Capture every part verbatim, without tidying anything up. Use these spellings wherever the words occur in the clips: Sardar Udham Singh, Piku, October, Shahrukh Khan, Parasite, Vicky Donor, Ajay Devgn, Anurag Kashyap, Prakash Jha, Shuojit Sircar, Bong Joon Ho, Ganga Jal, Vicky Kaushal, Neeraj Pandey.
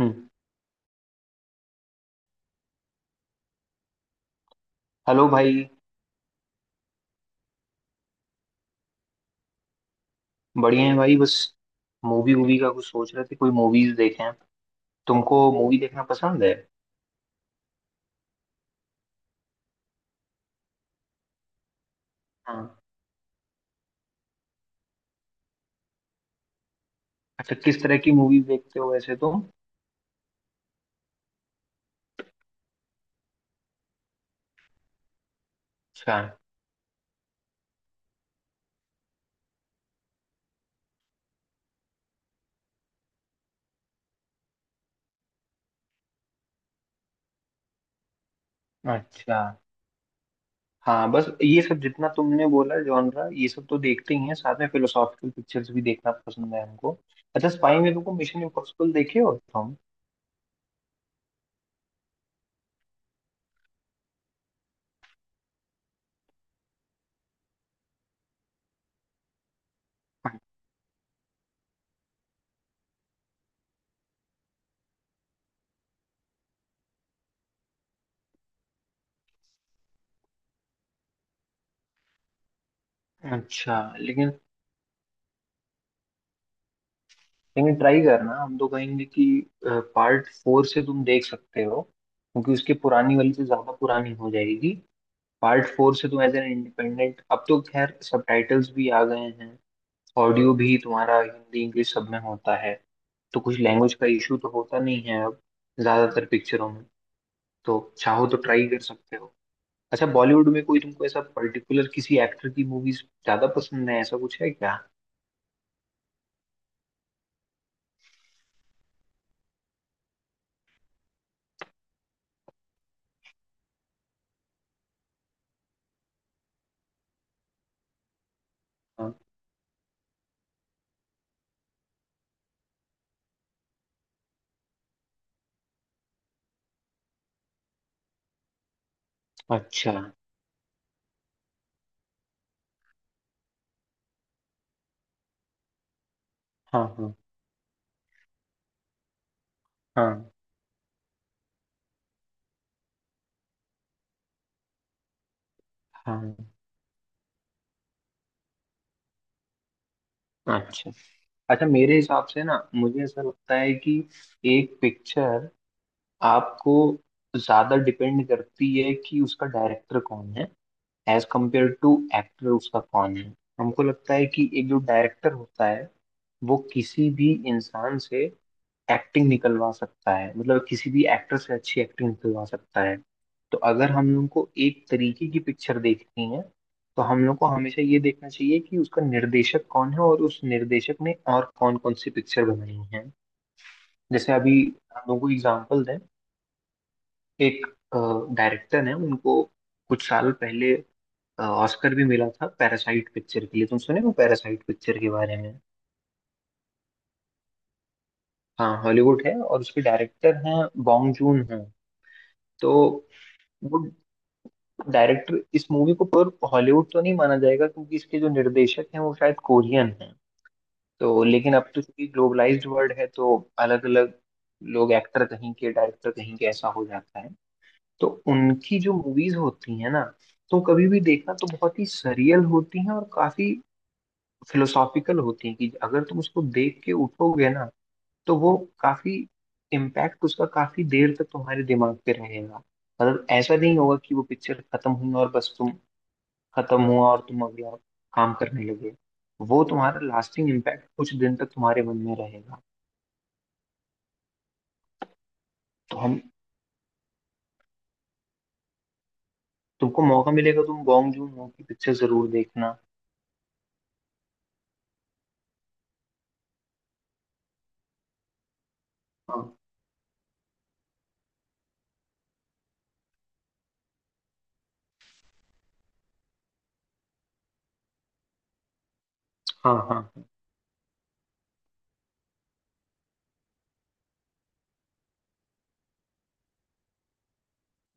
हम्म। Hello भाई। बढ़िया है भाई। बस मूवी वूवी का कुछ सोच रहे थे, कोई मूवीज देखें। तुमको मूवी देखना पसंद है? हाँ। अच्छा, किस तरह की मूवी देखते हो वैसे तुम? अच्छा। अच्छा। हाँ, बस ये सब जितना तुमने बोला जॉनरा, ये सब तो देखते ही हैं। साथ में फिलोसॉफिकल पिक्चर्स भी देखना पसंद है हमको। अच्छा, स्पाई में तुमको मिशन इम्पॉसिबल, देखे हो तुम? अच्छा, लेकिन लेकिन ट्राई करना, हम तो कहेंगे कि पार्ट फोर से तुम देख सकते हो, क्योंकि उसके पुरानी वाली से ज्यादा पुरानी हो जाएगी। पार्ट फोर से तुम एज एन इंडिपेंडेंट। अब तो खैर सबटाइटल्स भी आ गए हैं। ऑडियो भी तुम्हारा हिंदी इंग्लिश सब में होता है, तो कुछ लैंग्वेज का इशू तो होता नहीं है अब ज्यादातर पिक्चरों में। तो चाहो तो ट्राई कर सकते हो। अच्छा, बॉलीवुड में कोई तुमको ऐसा पर्टिकुलर, किसी एक्टर की मूवीज ज्यादा पसंद है, ऐसा कुछ है क्या? हाँ। अच्छा। हाँ हाँ। हाँ हाँ। अच्छा। अच्छा, मेरे हिसाब से ना मुझे ऐसा लगता है कि एक पिक्चर आपको ज्यादा डिपेंड करती है कि उसका डायरेक्टर कौन है। एज कंपेयर टू एक्टर उसका कौन है। हमको लगता है कि एक जो डायरेक्टर होता है, वो किसी भी इंसान से एक्टिंग निकलवा सकता है, मतलब किसी भी एक्टर से अच्छी एक्टिंग निकलवा सकता है। तो अगर हम लोग को एक तरीके की पिक्चर देखनी है, तो हम लोग को हमेशा ये देखना चाहिए कि उसका निर्देशक कौन है और उस निर्देशक ने और कौन कौन सी पिक्चर बनाई है। जैसे अभी हम लोग को एग्जाम्पल दें, एक डायरेक्टर है, उनको कुछ साल पहले ऑस्कर भी मिला था पैरासाइट पिक्चर के लिए। तुम सुने हो पैरासाइट पिक्चर के बारे में? हाँ, हॉलीवुड है और उसके डायरेक्टर हैं, बॉन्ग जून हैं। तो वो डायरेक्टर, इस मूवी को प्योर हॉलीवुड तो नहीं माना जाएगा, क्योंकि इसके जो निर्देशक हैं वो शायद कोरियन हैं। तो लेकिन अब तो चूंकि ग्लोबलाइज्ड वर्ल्ड है, तो अलग अलग लोग, एक्टर कहीं के, डायरेक्टर कहीं के, ऐसा हो जाता है। तो उनकी जो मूवीज होती हैं ना, तो कभी भी देखना, तो बहुत ही सरियल होती हैं और काफी फिलोसॉफिकल होती हैं कि अगर तुम उसको देख के उठोगे ना, तो वो काफी इम्पैक्ट, उसका काफी देर तक तुम्हारे दिमाग पे रहेगा। मतलब ऐसा नहीं होगा कि वो पिक्चर खत्म हुई और बस तुम, खत्म हुआ और तुम अगला काम करने लगे। वो तुम्हारा लास्टिंग इम्पैक्ट कुछ दिन तक तुम्हारे मन में रहेगा। तो हम, तुमको मौका मिलेगा तुम बॉन्ग जून हो की पिक्चर जरूर देखना। हाँ हाँ। हाँ,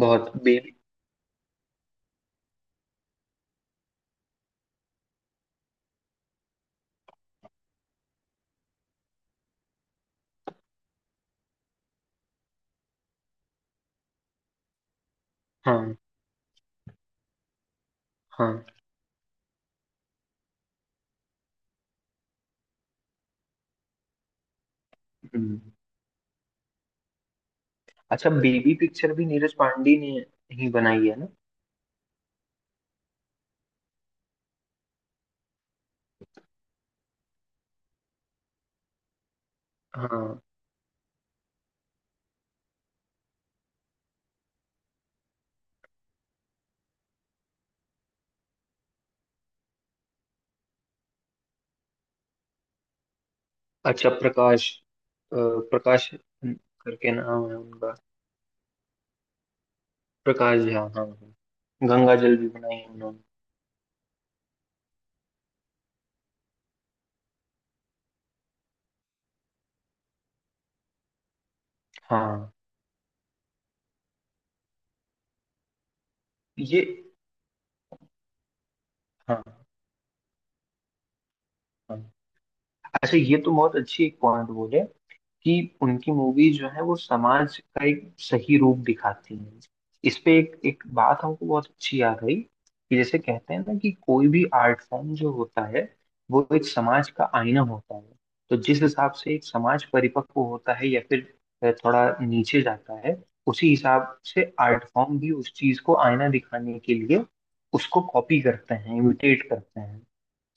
बहुत बेबी। हाँ हाँ। हम्म। अच्छा, बेबी पिक्चर भी नीरज पांडे ने ही बनाई है ना? हाँ। अच्छा, प्रकाश, अ, प्रकाश करके नाम है उनका। प्रकाश झा, हाँ हाँ। गंगा जल भी बनाई है उन्होंने। हाँ। ये, हाँ हाँ। अच्छा, ये तो बहुत अच्छी एक पॉइंट बोले कि उनकी मूवीज जो है वो समाज का एक सही रूप दिखाती हैं। इस पे एक एक बात हमको बहुत अच्छी याद आई कि जैसे कहते हैं ना कि कोई भी आर्ट फॉर्म जो होता है, वो एक समाज का आईना होता है। तो जिस हिसाब से एक समाज परिपक्व होता है या फिर अ, थोड़ा नीचे जाता है, उसी हिसाब से आर्ट फॉर्म भी उस चीज को आईना दिखाने के लिए उसको कॉपी करते हैं, इमिटेट करते हैं।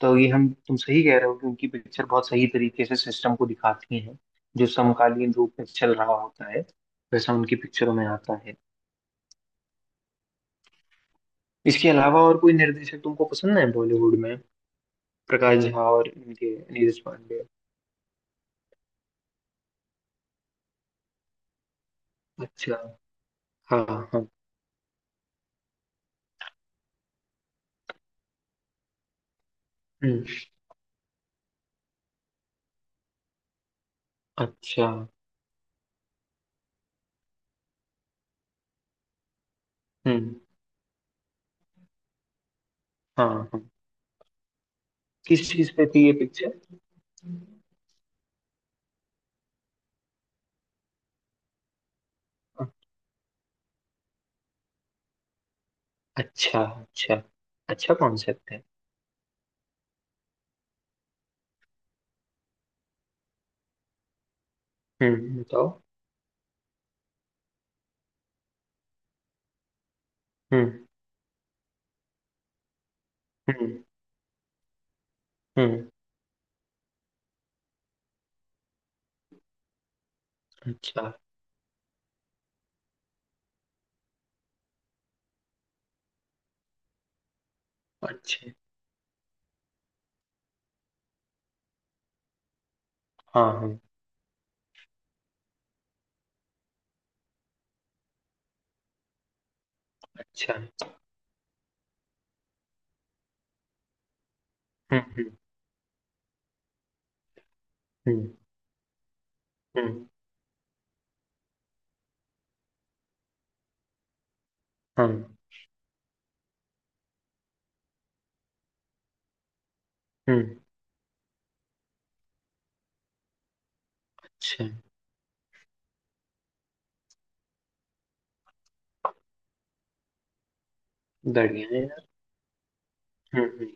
तो ये हम, तुम सही कह रहे हो कि उनकी पिक्चर बहुत सही तरीके से सिस्टम को दिखाती है, जो समकालीन रूप में चल रहा होता है वैसा उनकी पिक्चरों में आता है। इसके अलावा और कोई निर्देशक तुमको पसंद है बॉलीवुड में? प्रकाश झा और इनके नीरज पांडे। अच्छा। हाँ हाँ। हम्म। अच्छा। हम्म। हाँ हाँ। किस चीज पे थी ये पिक्चर? अच्छा। अच्छा। अच्छा कॉन्सेप्ट है। हम्म, बताओ। हम्म। हम्म। हम्म। अच्छा। अच्छा। हाँ हाँ। अच्छा। हम्म। हम्म। हम्म। हम्म। हाँ। हम्म। अच्छा। बढ़िया है यार। हम्म। हम्म।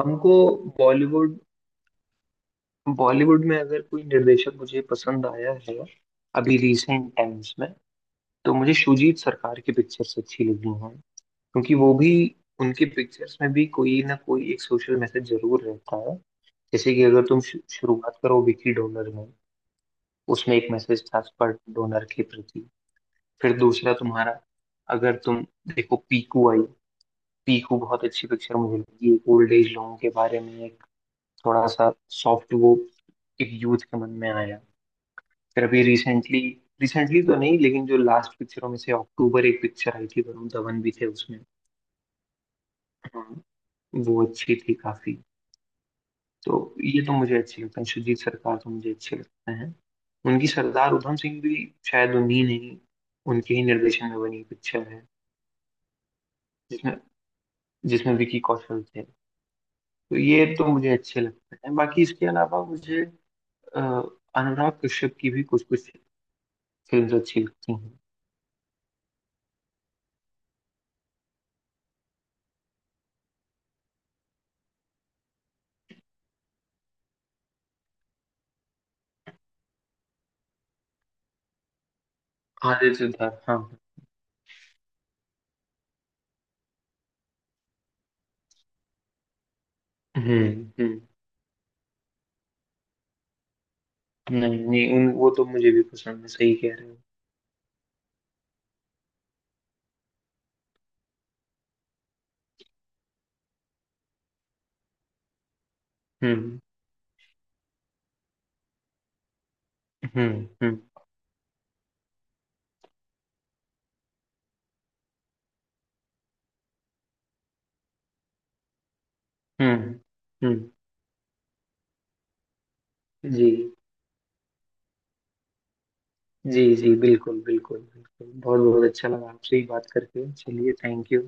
हमको, बॉलीवुड बॉलीवुड में अगर कोई निर्देशक मुझे पसंद आया है अभी रिसेंट टाइम्स में, तो मुझे शुजीत सरकार की पिक्चर्स अच्छी लगी हैं। क्योंकि वो भी, उनकी पिक्चर्स में भी कोई ना कोई एक सोशल मैसेज जरूर रहता है। जैसे कि अगर तुम शु- शुरुआत करो विकी डोनर में। उसमें एक मैसेज था स्पर्ट डोनर के प्रति। फिर दूसरा तुम्हारा, अगर तुम देखो, पीकू आई। पीकू बहुत अच्छी पिक्चर मुझे लगी, एक ओल्ड एज लोगों के बारे में, एक थोड़ा सा सॉफ्ट वो, एक यूथ के मन में आया। फिर अभी रिसेंटली, रिसेंटली तो नहीं, लेकिन जो लास्ट पिक्चरों में से अक्टूबर एक पिक्चर आई थी, वरुण धवन भी थे उसमें। हाँ, वो अच्छी थी काफी। तो ये तो मुझे अच्छे लगते हैं, सुजीत सरकार तो मुझे अच्छे लगते हैं। उनकी सरदार उधम सिंह भी शायद उन्हीं ने ही, उनके ही निर्देशन में बनी पिक्चर है, जिसमें जिसमें विकी कौशल थे। तो ये तो मुझे अच्छे लगते हैं। बाकी इसके अलावा मुझे अ, अनुराग कश्यप की भी कुछ कुछ फिल्म अच्छी लगती हैं। आदित्य सिद्धार्थ, हाँ। हम्म। हम्म। नहीं नहीं, उन वो तो मुझे भी पसंद है, सही कह रहे हो। हम्म। हम्म। हम्म। हम्म। हम्म। जी। जी जी, बिल्कुल बिल्कुल बिल्कुल, बहुत बहुत अच्छा लगा आपसे ही बात करके, चलिए थैंक यू।